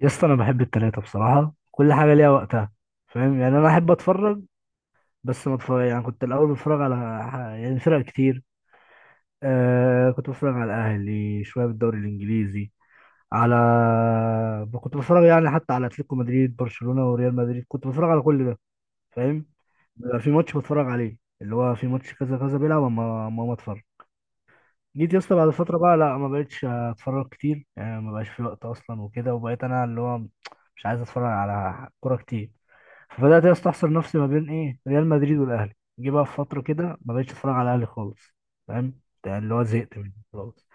يا اسطى انا بحب التلاتة بصراحة، كل حاجة ليها وقتها. فاهم؟ يعني انا احب اتفرج. بس ما اتفرج، يعني كنت الاول بتفرج على يعني فرق كتير. آه كنت بتفرج على الاهلي شوية بالدوري الانجليزي، على... كنت بتفرج يعني حتى على اتلتيكو مدريد، برشلونة، وريال مدريد، كنت بتفرج على كل ده، فاهم؟ بيبقى في ماتش بتفرج عليه، اللي هو في ماتش كذا كذا بيلعب، اما ما اتفرج. جيت يا اسطى بعد فترة بقى، لا، ما بقتش اتفرج كتير يعني، ما بقاش في وقت اصلا وكده، وبقيت انا اللي هو مش عايز اتفرج على كورة كتير. فبدات يا اسطى احصر نفسي ما بين ايه، ريال مدريد والاهلي. جه بقى في فتره كده ما بقتش اتفرج على الاهلي خالص، فاهم؟ يعني اللي هو زهقت منه خلاص.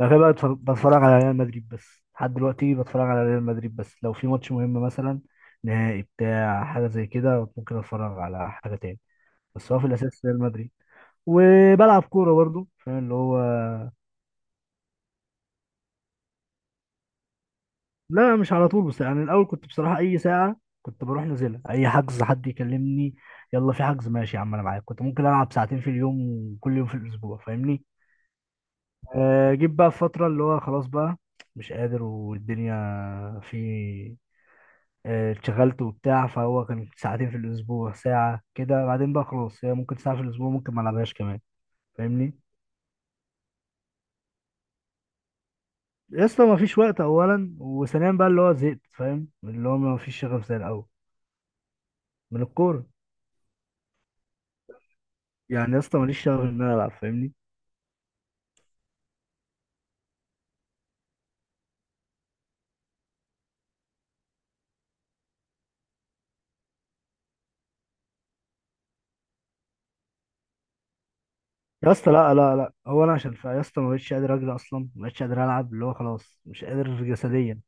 بعد كده بقى بتفرج على ريال مدريد بس، لحد دلوقتي بتفرج على ريال مدريد بس، لو في ماتش مهم مثلا، نهائي بتاع حاجه زي كده، ممكن اتفرج على حاجه تاني. بس هو في الاساس ريال مدريد. وبلعب كوره برضه، فاهم اللي هو. لا، مش على طول بس، يعني الاول كنت بصراحه اي ساعه كنت بروح نازلها، اي حجز، حد يكلمني يلا في حجز، ماشي يا عم انا معاك، كنت ممكن العب ساعتين في اليوم وكل يوم في الاسبوع، فاهمني؟ جيت بقى في فتره اللي هو خلاص بقى مش قادر والدنيا في... اتشغلت وبتاع، فهو كان ساعتين في الاسبوع، ساعه كده، بعدين بقى خلاص هي ممكن ساعه في الاسبوع، ممكن ما العبهاش كمان، فاهمني؟ يا اسطى ما فيش وقت اولا، وثانيا بقى اللي هو زهقت، فاهم؟ اللي هو ما فيش شغف زي الاول. من الكوره. يعني يا اسطى ماليش شغف ان انا العب، فاهمني؟ يا اسطى لا لا لا، هو انا عشان يا اسطى ما بقتش قادر اجري اصلا، ما بقتش قادر العب، اللي هو خلاص مش قادر جسديا.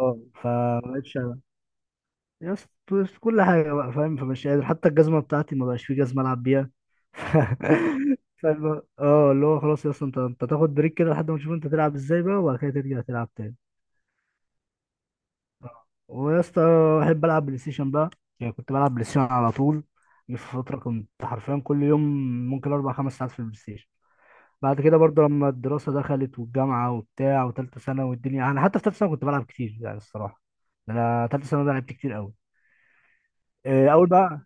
اه فما بقتش ألعب. يا اسطى كل حاجه بقى فاهم، فمش قادر، حتى الجزمه بتاعتي ما بقاش في جزمه العب بيها. اللي هو خلاص يا اسطى، انت تاخد بريك كده لحد ما تشوف انت تلعب ازاي بقى، وبعد كده ترجع تلعب تاني. ويا اسطى، بحب العب بلاي ستيشن بقى، يعني كنت بلعب بلاي ستيشن على طول. جه في فتره كنت حرفيا كل يوم ممكن اربع خمس ساعات في البلاي ستيشن. بعد كده برضه لما الدراسة دخلت والجامعة وبتاع، وتالتة سنة والدنيا. أنا حتى في تالتة سنة كنت بلعب كتير يعني الصراحة. أنا تالتة سنة ده لعبت كتير أوي. إيه، أول بقى.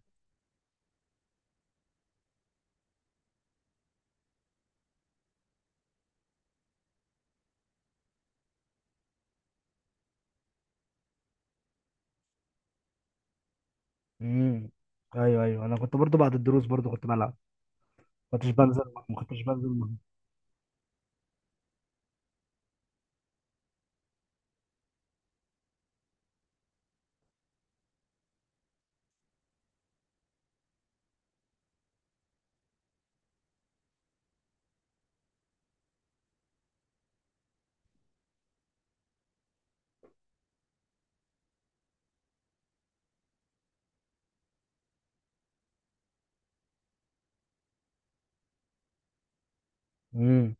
امم. أيوه أيوه، أنا كنت برضه بعد الدروس برضه كنت بلعب. ما كنتش بنزل ما كنتش بنزل. امم.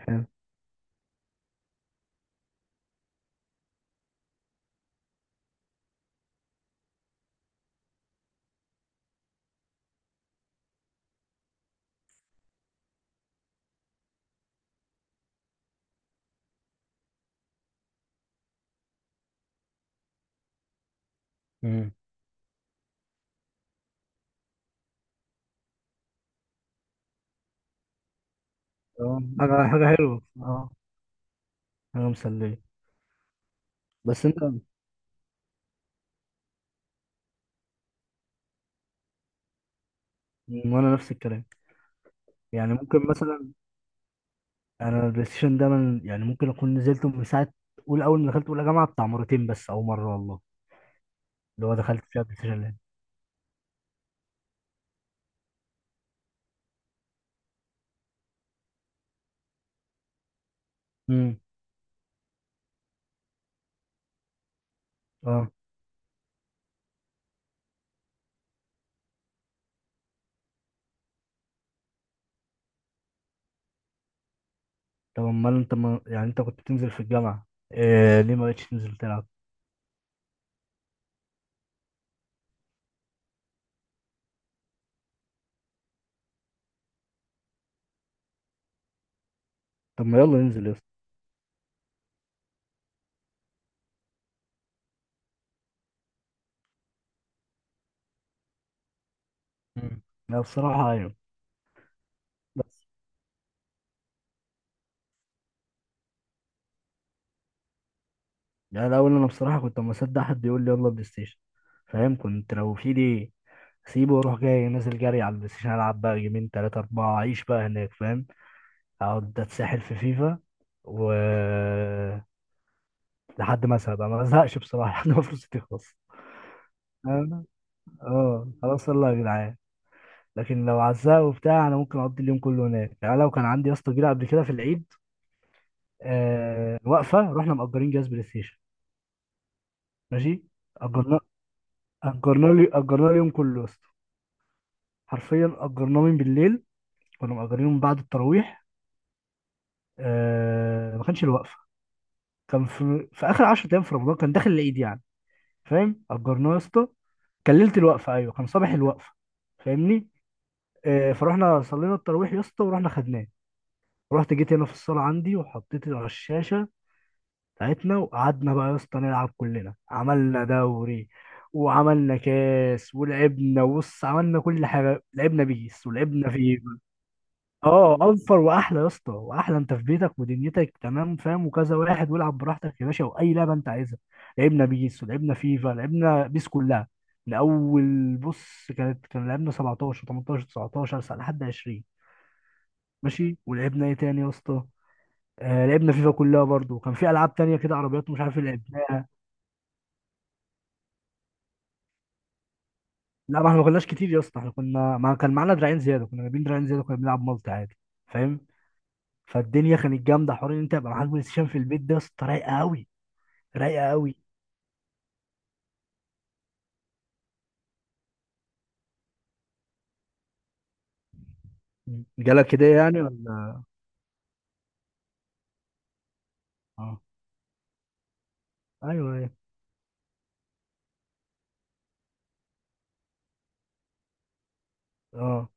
حلو. امم. آه، حاجة حاجة حلوة أه. حاجة مسلية. بس أنت... مم، وأنا نفس الكلام. يعني ممكن مثلا، أنا البلاي ستيشن ده من، يعني ممكن أكون نزلته من ساعة أول أول ما دخلت أولى جامعة بتاع، مرتين بس أو مرة والله. اللي هو دخلت فيها بلاي ستيشن. اه. طب امال انت ما... يعني انت كنت بتنزل في الجامعة، إيه ليه ما بقتش تنزل تلعب؟ طب ما يلا ننزل يا اسطى. مم. لا بصراحة ايوه، بس يعني الاول انا بصراحة كنت اما اصدق حد يقول لي يلا بلاي ستيشن فاهم، كنت لو في لي سيبه واروح جاي نازل جري على البلاي ستيشن العب بقى جيمين تلاتة اربعة اعيش بقى هناك، فاهم؟ اقعد اتسحل في فيفا و... لحد ما ازهق بقى، ما ازهقش بصراحة لحد ما فلوسي تخلص. أنا- اه خلاص يلا يا جدعان. لكن لو عزاه وبتاع انا ممكن اقضي اليوم كله هناك. يعني لو كان عندي يا اسطى جيله قبل كده في العيد، آه وقفه، رحنا مأجرين جهاز بلاي ستيشن، ماشي. اجرنا اجرنا اليوم كله يا اسطى، حرفيا اجرناه من بالليل، كنا مأجرينه من بعد التراويح. آه ما كانش الوقفه، كان في اخر 10 ايام في رمضان، كان داخل العيد يعني، فاهم؟ اجرناه يا اسطى. كان ليله الوقفه، ايوه كان صباح الوقفه، فاهمني؟ فرحنا صلينا التراويح يا اسطى، ورحنا خدناه. رحت جيت هنا في الصاله عندي، وحطيت على الشاشه بتاعتنا، وقعدنا بقى يا اسطى نلعب. كلنا عملنا دوري وعملنا كاس، ولعبنا بص، عملنا كل حاجه، لعبنا بيس ولعبنا فيفا. اه اوفر واحلى يا اسطى، واحلى انت في بيتك ودنيتك تمام فاهم، وكذا واحد والعب براحتك يا باشا، واي لعبه انت عايزها. لعبنا بيس ولعبنا فيفا، لعبنا بيس كلها. من اول بص، كان لعبنا 17 18 19 ساعة لحد 20، ماشي. ولعبنا ايه تاني يا اسطى؟ لعبنا فيفا كلها برضو، كان في العاب تانية كده عربيات مش عارف لعبنا. لا، ما احنا ما كناش كتير يا اسطى، احنا كنا، ما كان معانا دراعين زياده، كنا جايبين دراعين زياده، كنا بنلعب مالتي عادي، فاهم؟ فالدنيا كانت جامده، حوار ان انت يبقى معاك بلاي ستيشن في البيت ده يا اسطى، رايقه قوي، رايقه قوي. جالك كده يعني ولا؟ اه ايوه ايوه. اه.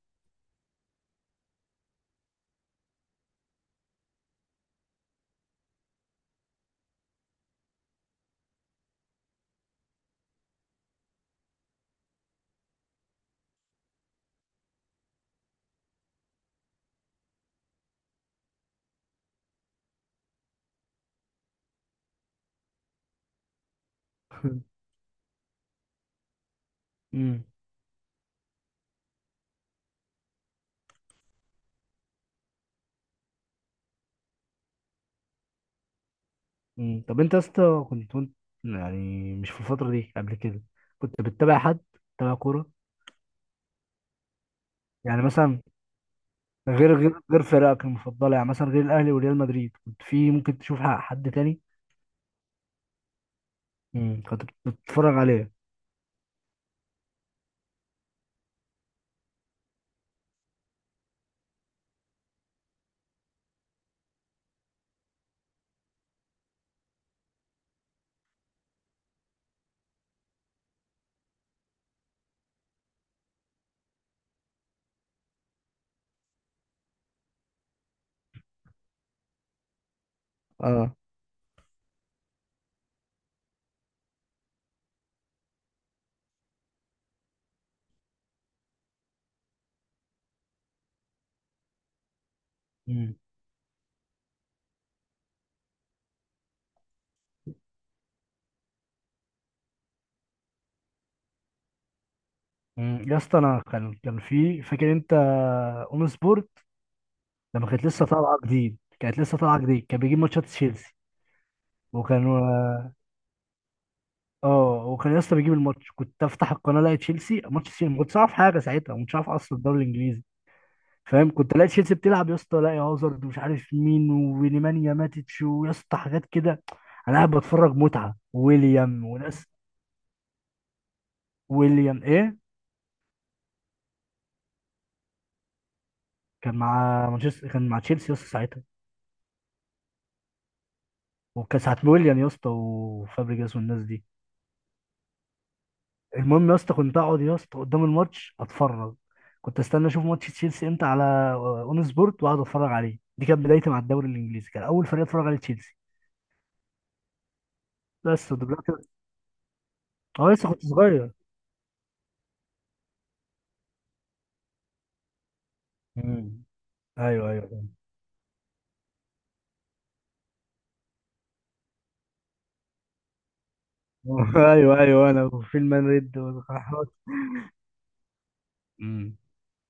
امم. أمم. طب انت يا اسطى كنت وانت، يعني مش في الفتره دي قبل كده كنت بتتابع حد، بتتابع كوره؟ يعني مثلا، غير فرقك المفضله، يعني مثلا غير الاهلي وريال مدريد، كنت في ممكن تشوف حد تاني؟ كنت بتتفرج عليه. اه. امم. مم. يا اسطى انا كان في، فاكر انت اون سبورت لما كانت لسه طالعه جديد؟ كانت لسه طالعه جديد، كان بيجيب ماتشات تشيلسي. وكان اه، وكان يا اسطى بيجيب الماتش، كنت افتح القناه الاقي تشيلسي، ماتش تشيلسي. ما كنتش اعرف حاجه ساعتها، ما كنتش اعرف اصلا الدوري الانجليزي، فاهم؟ كنت الاقي تشيلسي بتلعب يا اسطى، الاقي هازارد ومش عارف مين ونيمانيا ماتتش، ويا اسطى حاجات كده. انا قاعد بتفرج متعه، ويليام وناس. ويليام ايه، كان مع مانشستر، كان مع تشيلسي يا اسطى ساعتها، وكان ساعه ويليام يا اسطى وفابريجاس والناس دي. المهم يا اسطى كنت اقعد يا اسطى قدام الماتش اتفرج، كنت استنى اشوف ماتش تشيلسي امتى على اون سبورت، واقعد اتفرج عليه. دي كانت بدايتي مع الدوري الانجليزي، كان اول فريق اتفرج عليه تشيلسي. بس ودلوقتي. اه، لسه كنت صغير. مم. ايوه ايوه. ايوه ايوه، انا وفي المان ريد والقحط. مم.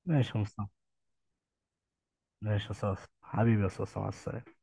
ماشي يا مصطفى. ماشي يا صاصا، حبيبي يا صاصا، مع السلامه.